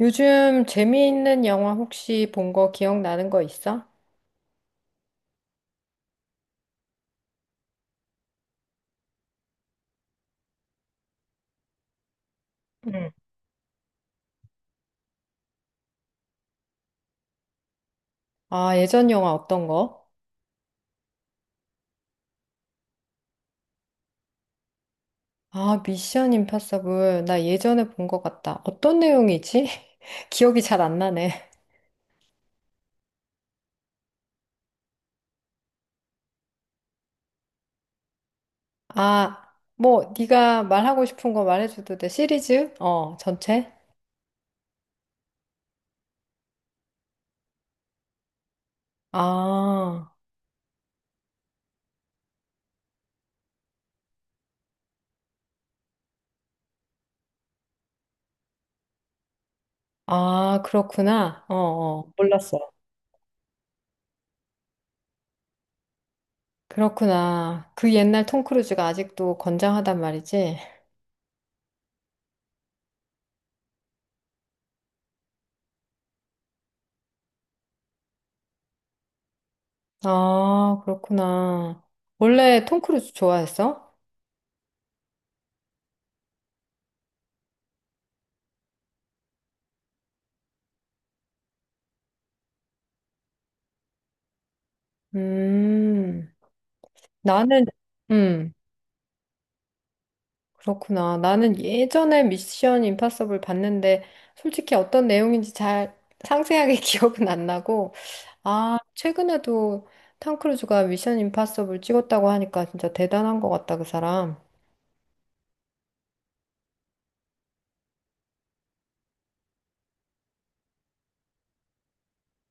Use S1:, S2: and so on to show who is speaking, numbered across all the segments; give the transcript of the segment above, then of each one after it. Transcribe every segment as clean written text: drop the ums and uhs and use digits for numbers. S1: 요즘 재미있는 영화 혹시 본 거 기억나는 거 있어? 응. 아, 예전 영화 어떤 거? 아, 미션 임파서블. 나 예전에 본 것 같다. 어떤 내용이지? 기억이 잘 안 나네. 아, 뭐 네가 말하고 싶은 거 말해줘도 돼. 시리즈? 어, 전체? 아, 아, 그렇구나. 어, 어, 몰랐어. 그렇구나. 그 옛날 톰 크루즈가 아직도 건장하단 말이지? 아, 그렇구나. 원래 톰 크루즈 좋아했어? 음, 나는, 음, 그렇구나. 나는 예전에 미션 임파서블 봤는데, 솔직히 어떤 내용인지 잘 상세하게 기억은 안 나고, 아, 최근에도 탐 크루즈가 미션 임파서블 찍었다고 하니까 진짜 대단한 것 같다, 그 사람.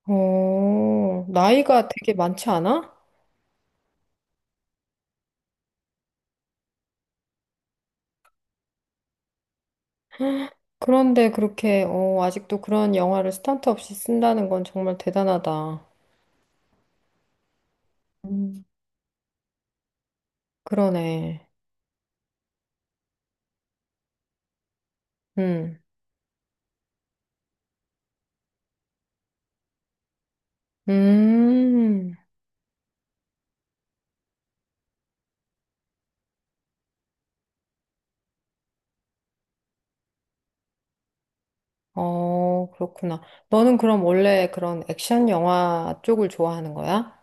S1: 오 나이가 되게 많지 않아? 그런데 그렇게, 어, 아직도 그런 영화를 스턴트 없이 쓴다는 건 정말 대단하다. 음. 그러네. 음, 음. 어, 그렇구나. 너는 그럼 원래 그런 액션 영화 쪽을 좋아하는 거야?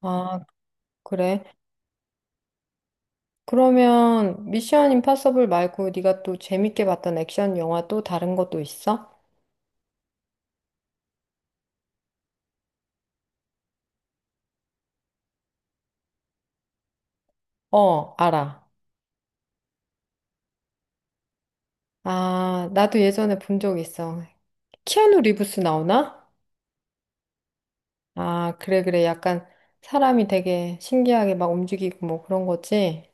S1: 아, 그래. 그러면 미션 임파서블 말고 네가 또 재밌게 봤던 액션 영화 또 다른 것도 있어? 어, 알아. 아, 나도 예전에 본 적 있어. 키아누 리브스 나오나? 아, 그래, 그래. 약간 사람이 되게 신기하게 막 움직이고 뭐 그런 거지.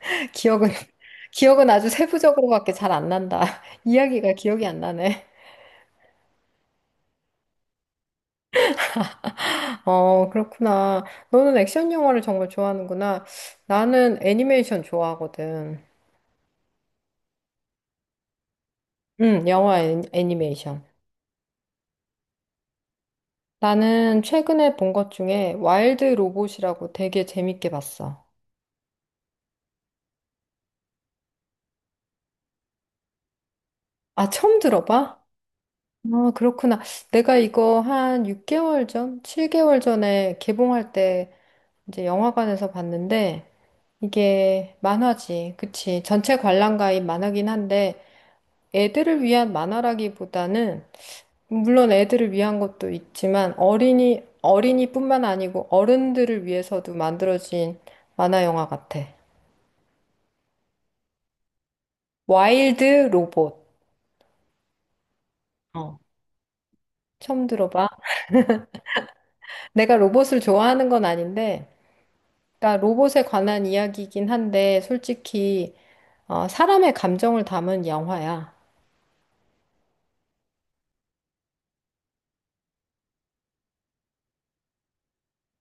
S1: 기억은, 기억은 아주 세부적으로밖에 잘 안 난다. 이야기가 기억이 안 나네. 어, 그렇구나. 너는 액션 영화를 정말 좋아하는구나. 나는 애니메이션 좋아하거든. 응, 영화 애니메이션. 나는 최근에 본 것 중에 와일드 로봇이라고 되게 재밌게 봤어. 아, 처음 들어봐? 아, 그렇구나. 내가 이거 한 6개월 전, 7개월 전에 개봉할 때 이제 영화관에서 봤는데 이게 만화지. 그치. 전체 관람가인 만화긴 한데 애들을 위한 만화라기보다는 물론 애들을 위한 것도 있지만 어린이뿐만 아니고 어른들을 위해서도 만들어진 만화 영화 같아. 와일드 로봇. 어. 처음 들어봐. 내가 로봇을 좋아하는 건 아닌데, 그러니까 로봇에 관한 이야기이긴 한데, 솔직히, 어, 사람의 감정을 담은 영화야.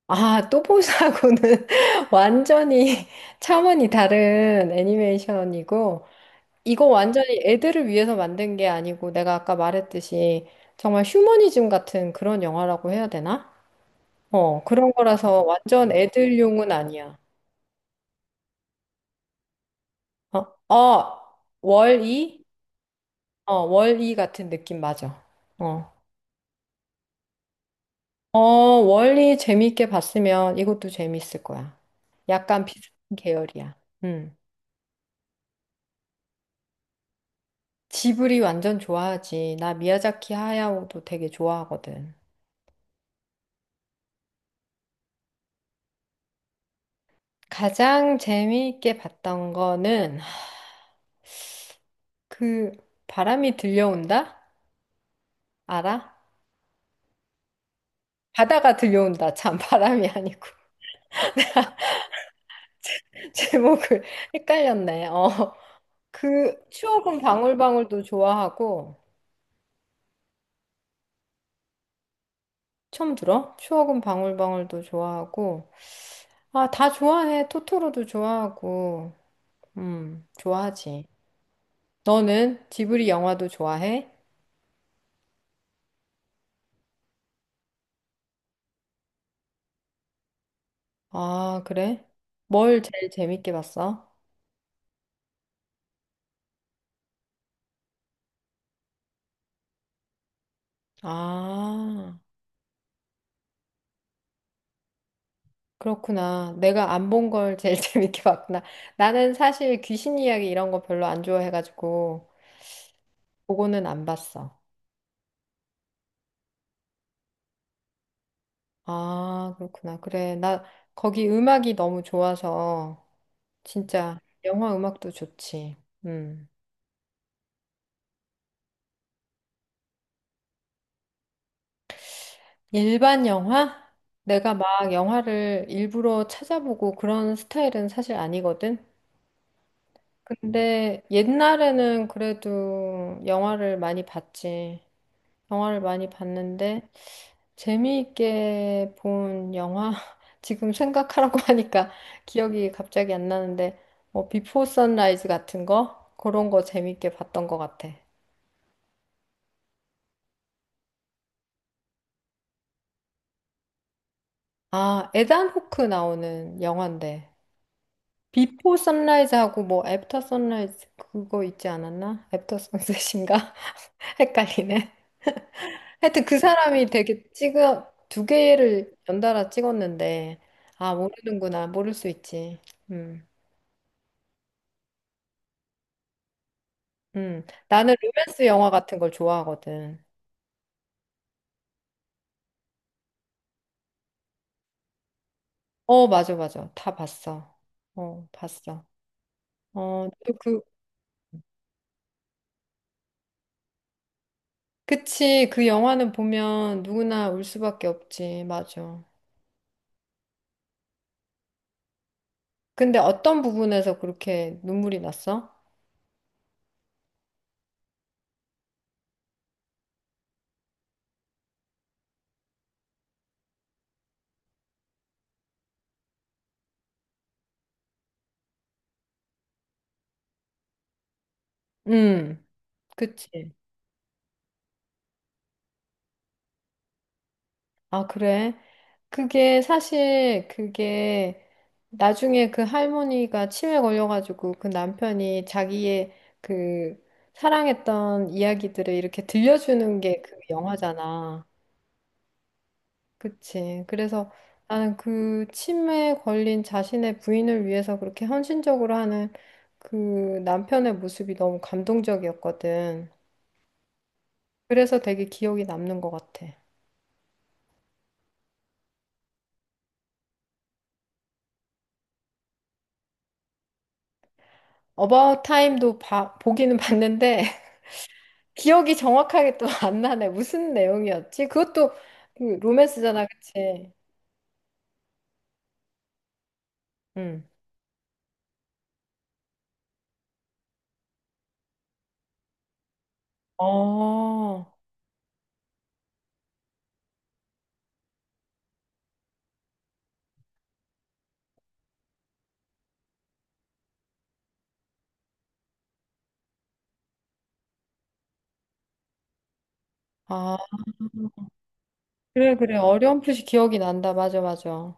S1: 아, 또보사하고는 완전히 차원이 다른 애니메이션이고, 이거 완전히 애들을 위해서 만든 게 아니고 내가 아까 말했듯이 정말 휴머니즘 같은 그런 영화라고 해야 되나? 어, 그런 거라서 완전 애들용은 아니야. 어, 어, 월이? 어, 월이 같은 느낌 맞아. 어, 어, 월이 재밌게 봤으면 이것도 재밌을 거야. 약간 비슷한 계열이야. 음. 지브리 완전 좋아하지. 나 미야자키 하야오도 되게 좋아하거든. 가장 재미있게 봤던 거는 그 바람이 들려온다? 알아? 바다가 들려온다. 참 바람이 아니고 제목을 헷갈렸네. 어. 그 추억은 방울방울도 좋아하고 처음 들어? 추억은 방울방울도 좋아하고 아, 다 좋아해. 토토로도 좋아하고. 좋아하지. 너는 지브리 영화도 좋아해? 아, 그래? 뭘 제일 재밌게 봤어? 아. 그렇구나. 내가 안 본 걸 제일 재밌게 봤구나. 나는 사실 귀신 이야기 이런 거 별로 안 좋아해가지고 그거는 안 봤어. 아, 그렇구나. 그래. 나 거기 음악이 너무 좋아서 진짜 영화 음악도 좋지. 음. 일반 영화? 내가 막 영화를 일부러 찾아보고 그런 스타일은 사실 아니거든. 근데 옛날에는 그래도 영화를 많이 봤지. 영화를 많이 봤는데 재미있게 본 영화 지금 생각하라고 하니까 기억이 갑자기 안 나는데 뭐 비포 선라이즈 같은 거 그런 거 재미있게 봤던 것 같아. 아, 에단 호크 나오는 영화인데 비포 선라이즈하고 뭐 애프터 선라이즈 그거 있지 않았나? 애프터 선셋인가? 헷갈리네. 하여튼 그 사람이 되게 찍어 두 개를 연달아 찍었는데 아 모르는구나 모를 수 있지. 음. 나는 로맨스 영화 같은 걸 좋아하거든. 어, 맞아, 맞아. 다 봤어. 어, 봤어. 어, 또 그, 그치. 그 영화는 보면 누구나 울 수밖에 없지. 맞아. 근데 어떤 부분에서 그렇게 눈물이 났어? 음, 그치. 아, 그래? 그게 사실 그게 나중에 그 할머니가 치매 걸려가지고 그 남편이 자기의 그 사랑했던 이야기들을 이렇게 들려주는 게 그 영화잖아. 그치? 그래서 나는 그 치매에 걸린 자신의 부인을 위해서 그렇게 헌신적으로 하는 그 남편의 모습이 너무 감동적이었거든. 그래서 되게 기억이 남는 것 같아. 어바웃 타임도 보기는 봤는데 기억이 정확하게 또 안 나네. 무슨 내용이었지? 그것도 그 로맨스잖아, 그치? 응. 어, 아, 그래, 그래. 어렴풋이 기억이 난다. 맞아, 맞아.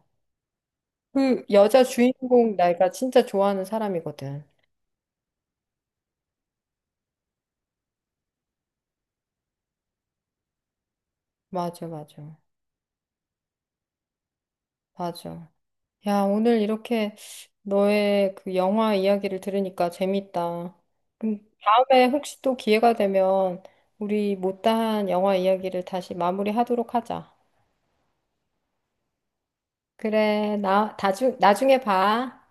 S1: 그 여자 주인공 내가 진짜 좋아하는 사람이거든. 맞아, 맞아. 맞아. 야, 오늘 이렇게 너의 그 영화 이야기를 들으니까 재밌다. 그럼 다음에 혹시 또 기회가 되면 우리 못다한 영화 이야기를 다시 마무리하도록 하자. 그래, 나중에 봐.